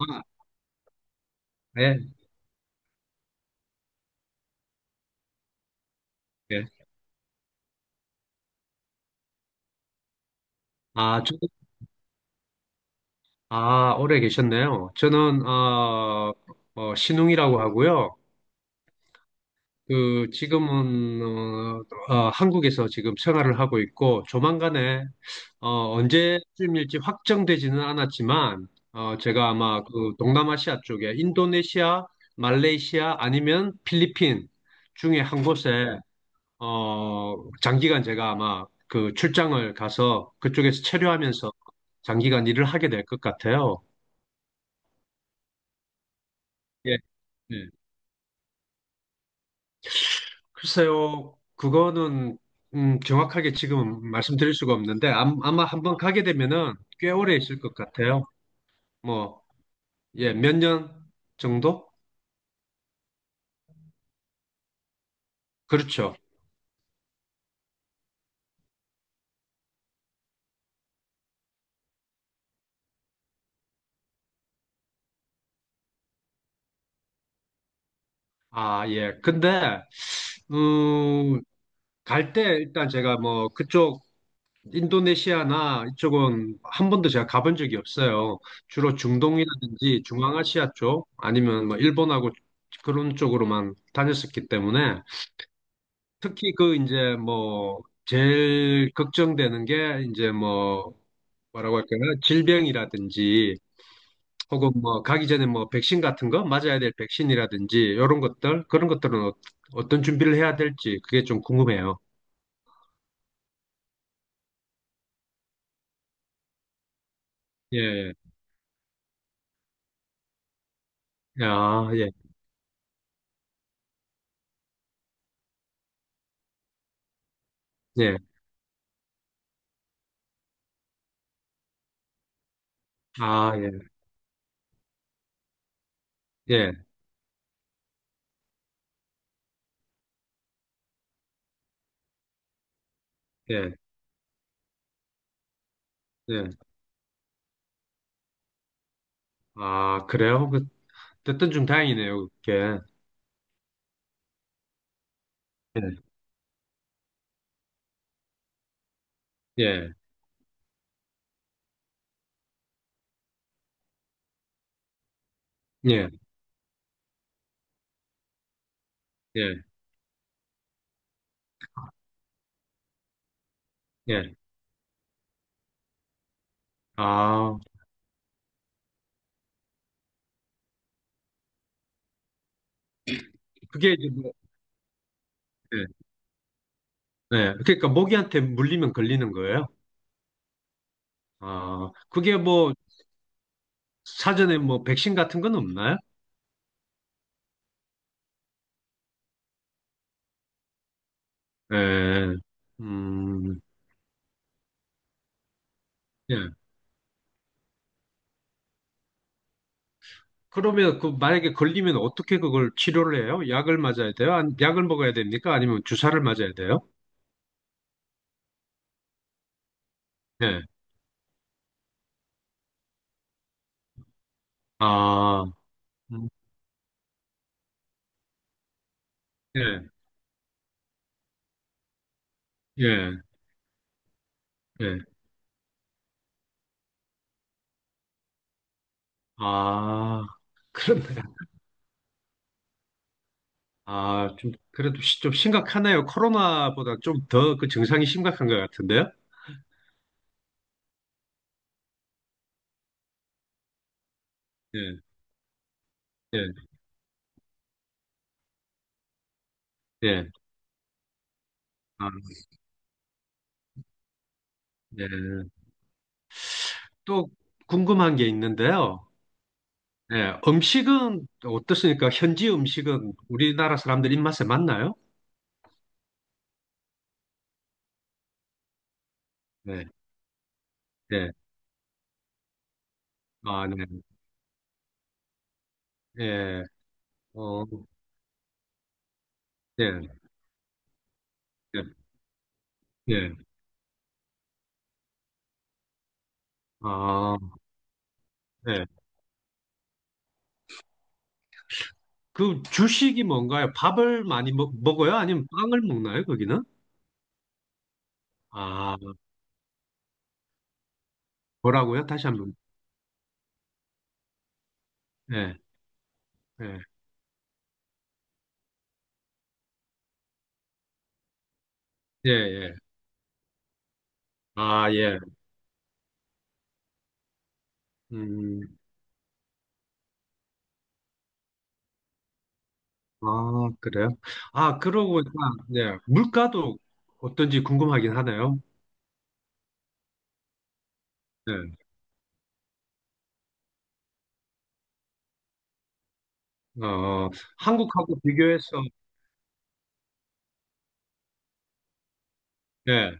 아, 네, 네. 아, 아, 오래 계셨네요. 저는, 신웅이라고 하고요. 그, 지금은, 한국에서 지금 생활을 하고 있고, 조만간에, 어, 언제쯤일지 확정되지는 않았지만, 제가 아마 그 동남아시아 쪽에 인도네시아, 말레이시아 아니면 필리핀 중에 한 곳에 어, 장기간 제가 아마 그 출장을 가서 그쪽에서 체류하면서 장기간 일을 하게 될 것 같아요. 예. 예. 글쎄요, 그거는 정확하게 지금 말씀드릴 수가 없는데 아마 한번 가게 되면은 꽤 오래 있을 것 같아요. 뭐, 예, 몇 년 정도? 그렇죠. 아, 예. 근데 음, 갈 때 일단 제가 뭐 그쪽 인도네시아나 이쪽은 한 번도 제가 가본 적이 없어요. 주로 중동이라든지 중앙아시아 쪽 아니면 뭐 일본하고 그런 쪽으로만 다녔었기 때문에 특히 그 이제 뭐 제일 걱정되는 게 이제 뭐 뭐라고 할까요? 질병이라든지 혹은 뭐 가기 전에 뭐 백신 같은 거 맞아야 될 백신이라든지 이런 것들 그런 것들은 어떤 준비를 해야 될지 그게 좀 궁금해요. 예. 아, 예. 예. 아, 예. 예. 예. 예. 아, 그래요? 그, 됐든 좀 다행이네요, 그게. 예, 예, 예, 예, 예. 아, 그게 이제 뭐, 예, 예. 그러니까 모기한테 물리면 걸리는 거예요? 아, 그게 뭐, 사전에 뭐, 백신 같은 건 없나요? 예, 음, 예. 그러면 그 만약에 걸리면 어떻게 그걸 치료를 해요? 약을 맞아야 돼요? 아니, 약을 먹어야 됩니까? 아니면 주사를 맞아야 돼요? 예, 아, 음, 예, 예, 예. 아, 그렇네. 아, 좀, 그래도 좀 심각하네요. 코로나보다 좀 더 그 증상이 심각한 것 같은데요? 예, 예, 예. 아, 예. 또 궁금한 게 있는데요. 예, 음식은 어떻습니까? 현지 음식은 우리나라 사람들 입맛에 맞나요? 네, 예, 아, 네, 예, 어, 예, 예, 예, 아, 예. 그 주식이 뭔가요? 밥을 많이 먹어요? 아니면 빵을 먹나요? 거기는? 아, 뭐라고요? 다시 한번. 예, 예. 예, 예. 아, 예. 음, 아, 그래요? 아, 그러고 보니까, 네. 물가도 어떤지 궁금하긴 하네요. 네. 어, 한국하고 비교해서, 네.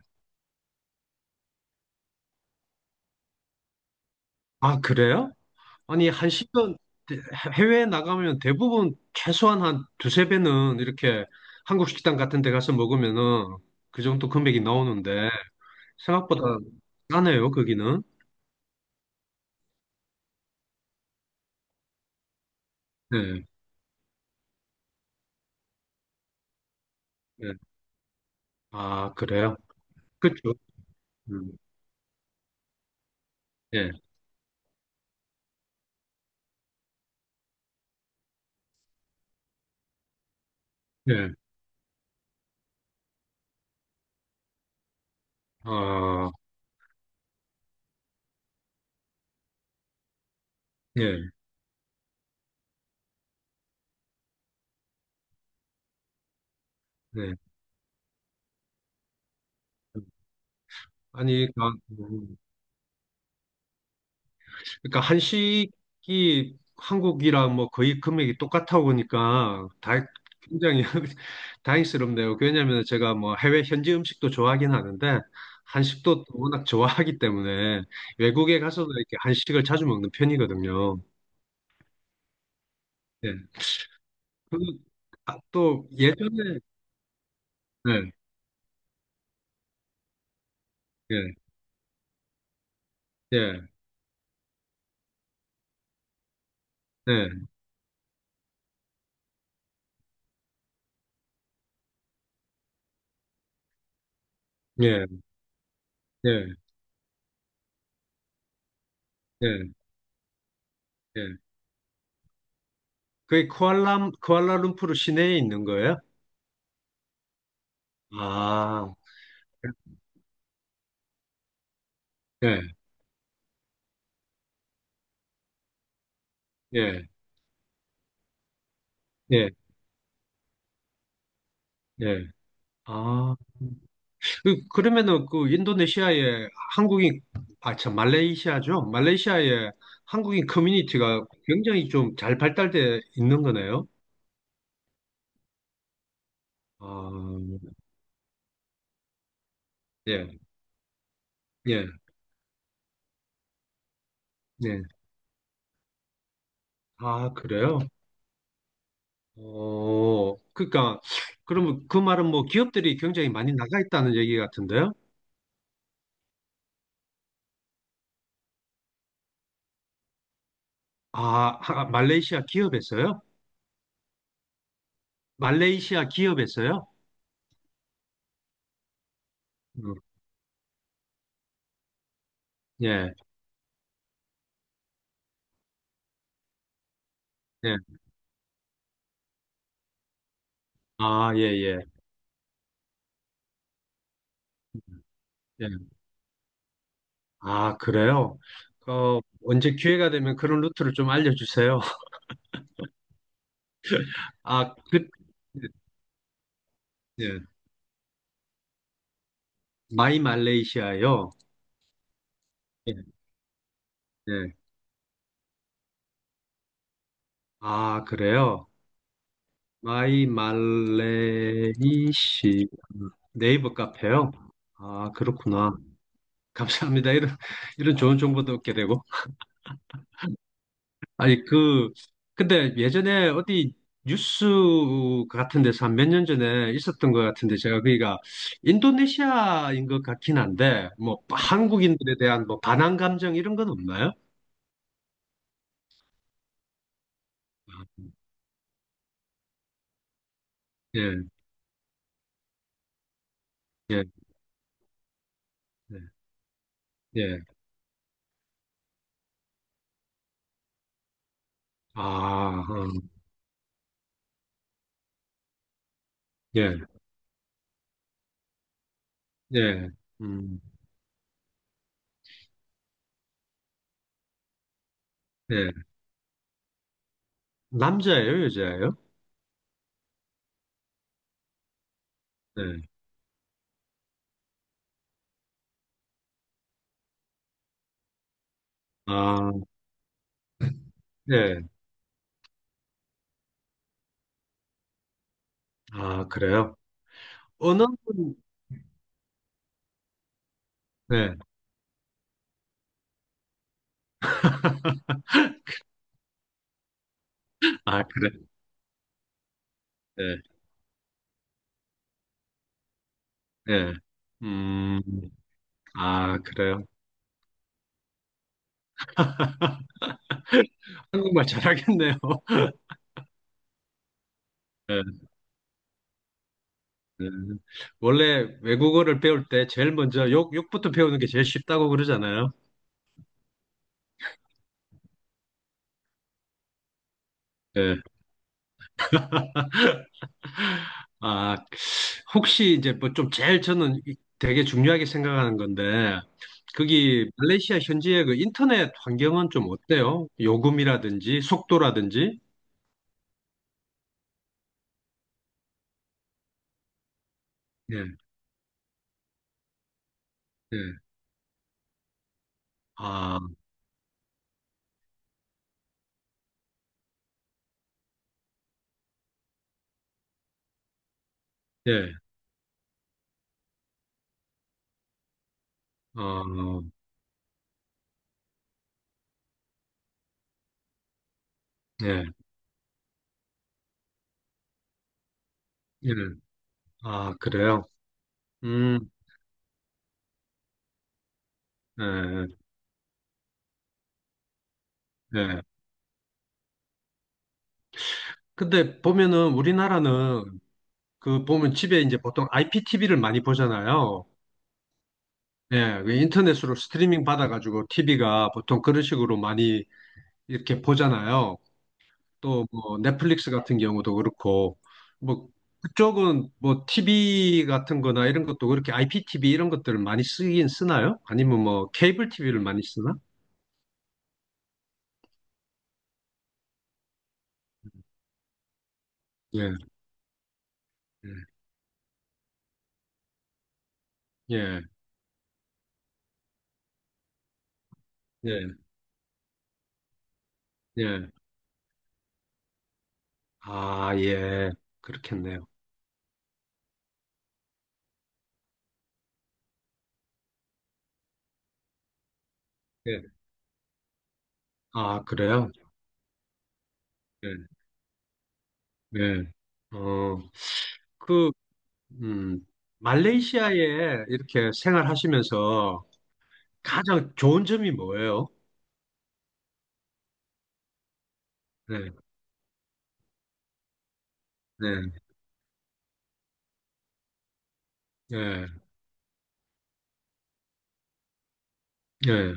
아, 그래요? 아니, 한 10년, 해외에 나가면 대부분 최소한 한 두세 배는 이렇게 한국 식당 같은 데 가서 먹으면은 그 정도 금액이 나오는데, 생각보다 싸네요, 거기는. 네. 네. 아, 그래요? 그쵸. 음, 예, 예, 아, 예, 예. 아니, 그러니까 그러니까 한식이 한국이랑 뭐 거의 금액이 똑같아 보니까 다 굉장히 다행스럽네요. 왜냐하면 제가 뭐 해외 현지 음식도 좋아하긴 하는데 한식도 워낙 좋아하기 때문에 외국에 가서도 이렇게 한식을 자주 먹는 편이거든요. 예. 그리고 아, 또 예전에 예, 예, 예, 예, 예, 예, 예, 예. 그게 쿠알라룸푸르 시내에 있는 거예요? 아, 예, 예. 예, 예. 아, 그러면은 그 인도네시아에 한국인, 아, 참, 말레이시아죠? 말레이시아에 한국인 커뮤니티가 굉장히 좀 잘 발달돼 있는 거네요. 아, 예, 예, 예. 아, 그래요? 그러니까, 그러면 그 말은 뭐 기업들이 굉장히 많이 나가 있다는 얘기 같은데요? 아, 말레이시아 기업에서요? 말레이시아 기업에서요? 음, 예, 예. 아, 예, 예. 예. 아, 그래요? 언제 기회가 되면 그런 루트를 좀 알려주세요. 아, 그, 예. 마이 말레이시아요? 예. 네. 아, 그래요? 마이 말레이시 네이버 카페요? 아, 그렇구나. 감사합니다. 이런 좋은 정보도 얻게 되고. 아니, 그, 근데 예전에 어디 뉴스 같은 데서 한 몇 년 전에 있었던 것 같은데 제가 그니까 인도네시아인 것 같긴 한데 뭐 한국인들에 대한 뭐 반항 감정 이런 건 없나요? 예, 예, 예, 예. 아, 음, 예, 예, 음, 예. 남자예요, 여자예요? 네. 아, 예. 아, 그래요? 언어는, 네. 아, 그래. 예, 예. 음, 아, 그래요? 한국말 잘하겠네요. 네, 네. 원래 외국어를 배울 때 제일 먼저 욕부터 배우는 게 제일 쉽다고 그러잖아요. 네. 아, 혹시 이제 뭐 좀 제일 저는 되게 중요하게 생각하는 건데, 거기 말레이시아 현지의 그 인터넷 환경은 좀 어때요? 요금이라든지 속도라든지? 예, 예. 아, 예. 어, 예, 예. 아, 그래요? 음, 예, 예. 근데 보면은 우리나라는 그 보면 집에 이제 보통 IPTV를 많이 보잖아요. 예, 그 인터넷으로 스트리밍 받아가지고 TV가 보통 그런 식으로 많이 이렇게 보잖아요. 또 뭐 넷플릭스 같은 경우도 그렇고 뭐 그쪽은 뭐 TV 같은 거나 이런 것도 그렇게 IPTV 이런 것들을 많이 쓰긴 쓰나요? 아니면 뭐 케이블 TV를 많이 쓰나? 예, 예, 예, 예. 예. 아, 예. 그렇겠네요. 예. 아, 그래요? 예. 네. 어, 그, 음, 말레이시아에 이렇게 생활하시면서 가장 좋은 점이 뭐예요? 네, 네, 네, 네,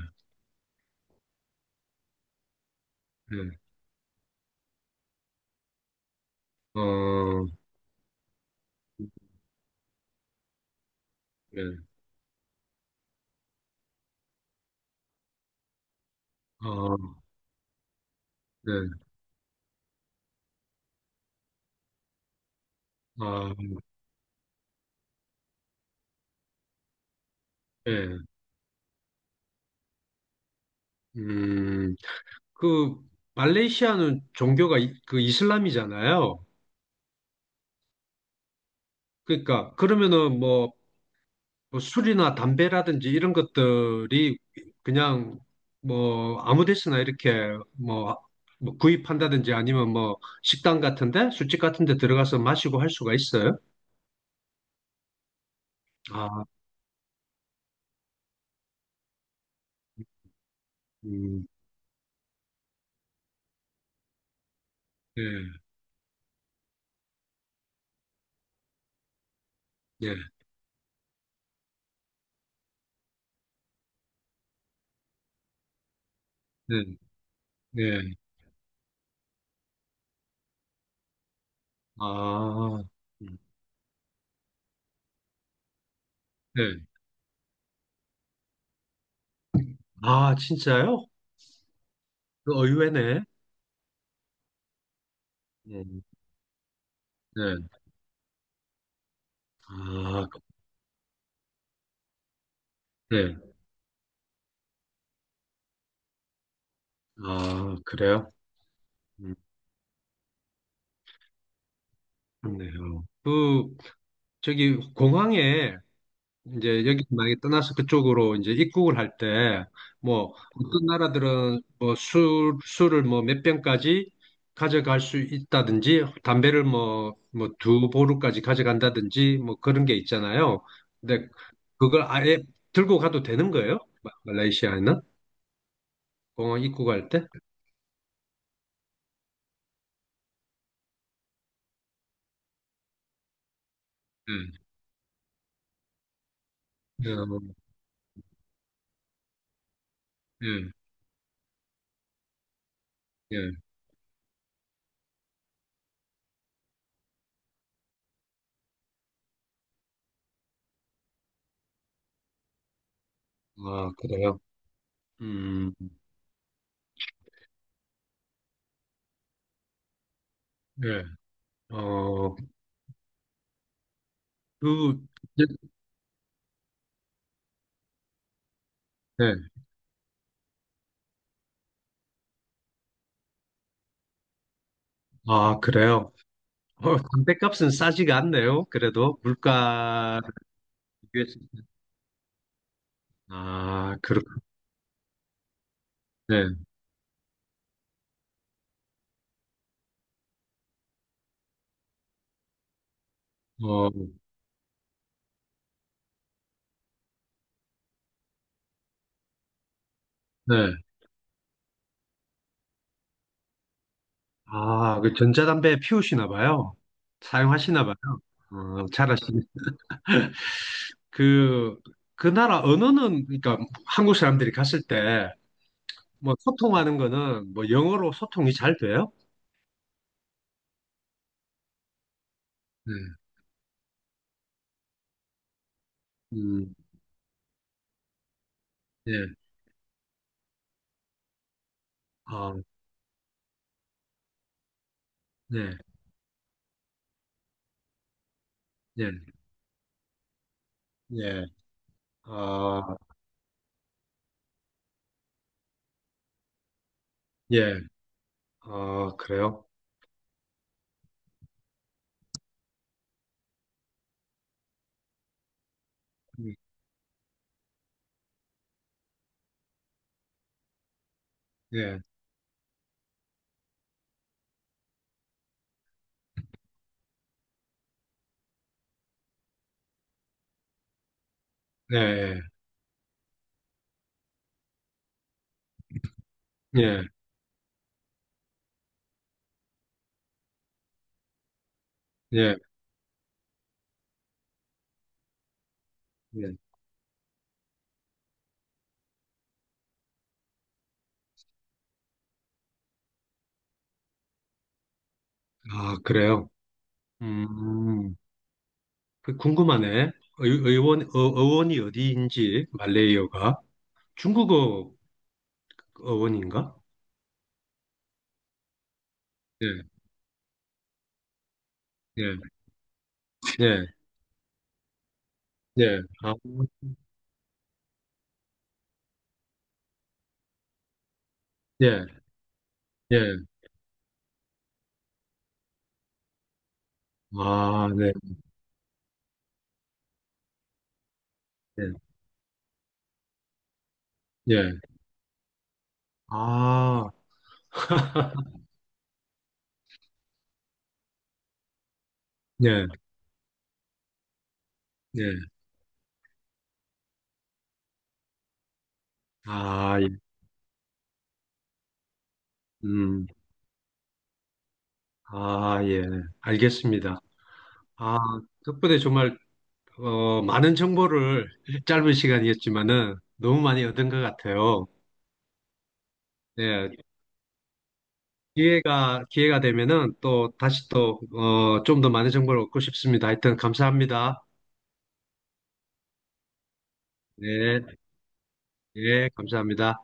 네, 어, 네, 어, 네, 아, 네, 음, 그, 말레이시아는 종교가 이, 그 이슬람이잖아요. 그러니까, 그러면은 뭐, 뭐, 술이나 담배라든지 이런 것들이 그냥 뭐 아무 데서나 이렇게 뭐, 뭐 구입한다든지 아니면 뭐 식당 같은데 술집 같은데 들어가서 마시고 할 수가 있어요? 아, 음, 네, 네, 네, 네. 아, 음, 네. 아, 진짜요? 그 의외네. 음, 네. 아, 네. 아, 그래요? 음, 그렇네요. 그 저기 공항에 이제 여기 만약에 떠나서 그쪽으로 이제 입국을 할 때, 뭐, 어떤 나라들은 뭐 술, 술을 뭐 몇 병까지 가져갈 수 있다든지, 담배를 뭐, 뭐 두 보루까지 가져간다든지, 뭐 그런 게 있잖아요. 근데 그걸 아예 들고 가도 되는 거예요? 마- 말레이시아에는? 공항 입국할 때? 예, 어, 예, 예. 아, 그래요? 음, 예. 어, 그, 예. 예. 아, 그래요? 담뱃값은 싸지가 않네요. 그래도 물가를 비교했을 때. 아, 그렇군요. 네. 어, 네. 아, 그 전자담배 피우시나 봐요. 사용하시나 봐요. 잘하시네. 그, 그 나라 언어는, 그러니까 한국 사람들이 갔을 때, 뭐, 소통하는 거는, 뭐, 영어로 소통이 잘 돼요? 네. 음, 예. 아, 네. 예. 예. 아, 예. 아, 그래요? 음, 예. 네. 예. 예. 네. 아, 그래요? 음, 그 궁금하네. 의원이 어디인지, 말레이어가. 중국어 의원인가? 네, 네, 네, 네. 아, 네, 네. 아, 네, 네, 네. 아, 예, 네. 아, 예. 음, 아, 예. 알겠습니다. 아, 덕분에 정말, 많은 정보를 짧은 시간이었지만은 너무 많이 얻은 것 같아요. 네. 기회가 되면은 또 다시 또, 좀 더 많은 정보를 얻고 싶습니다. 하여튼 감사합니다. 네, 예, 감사합니다.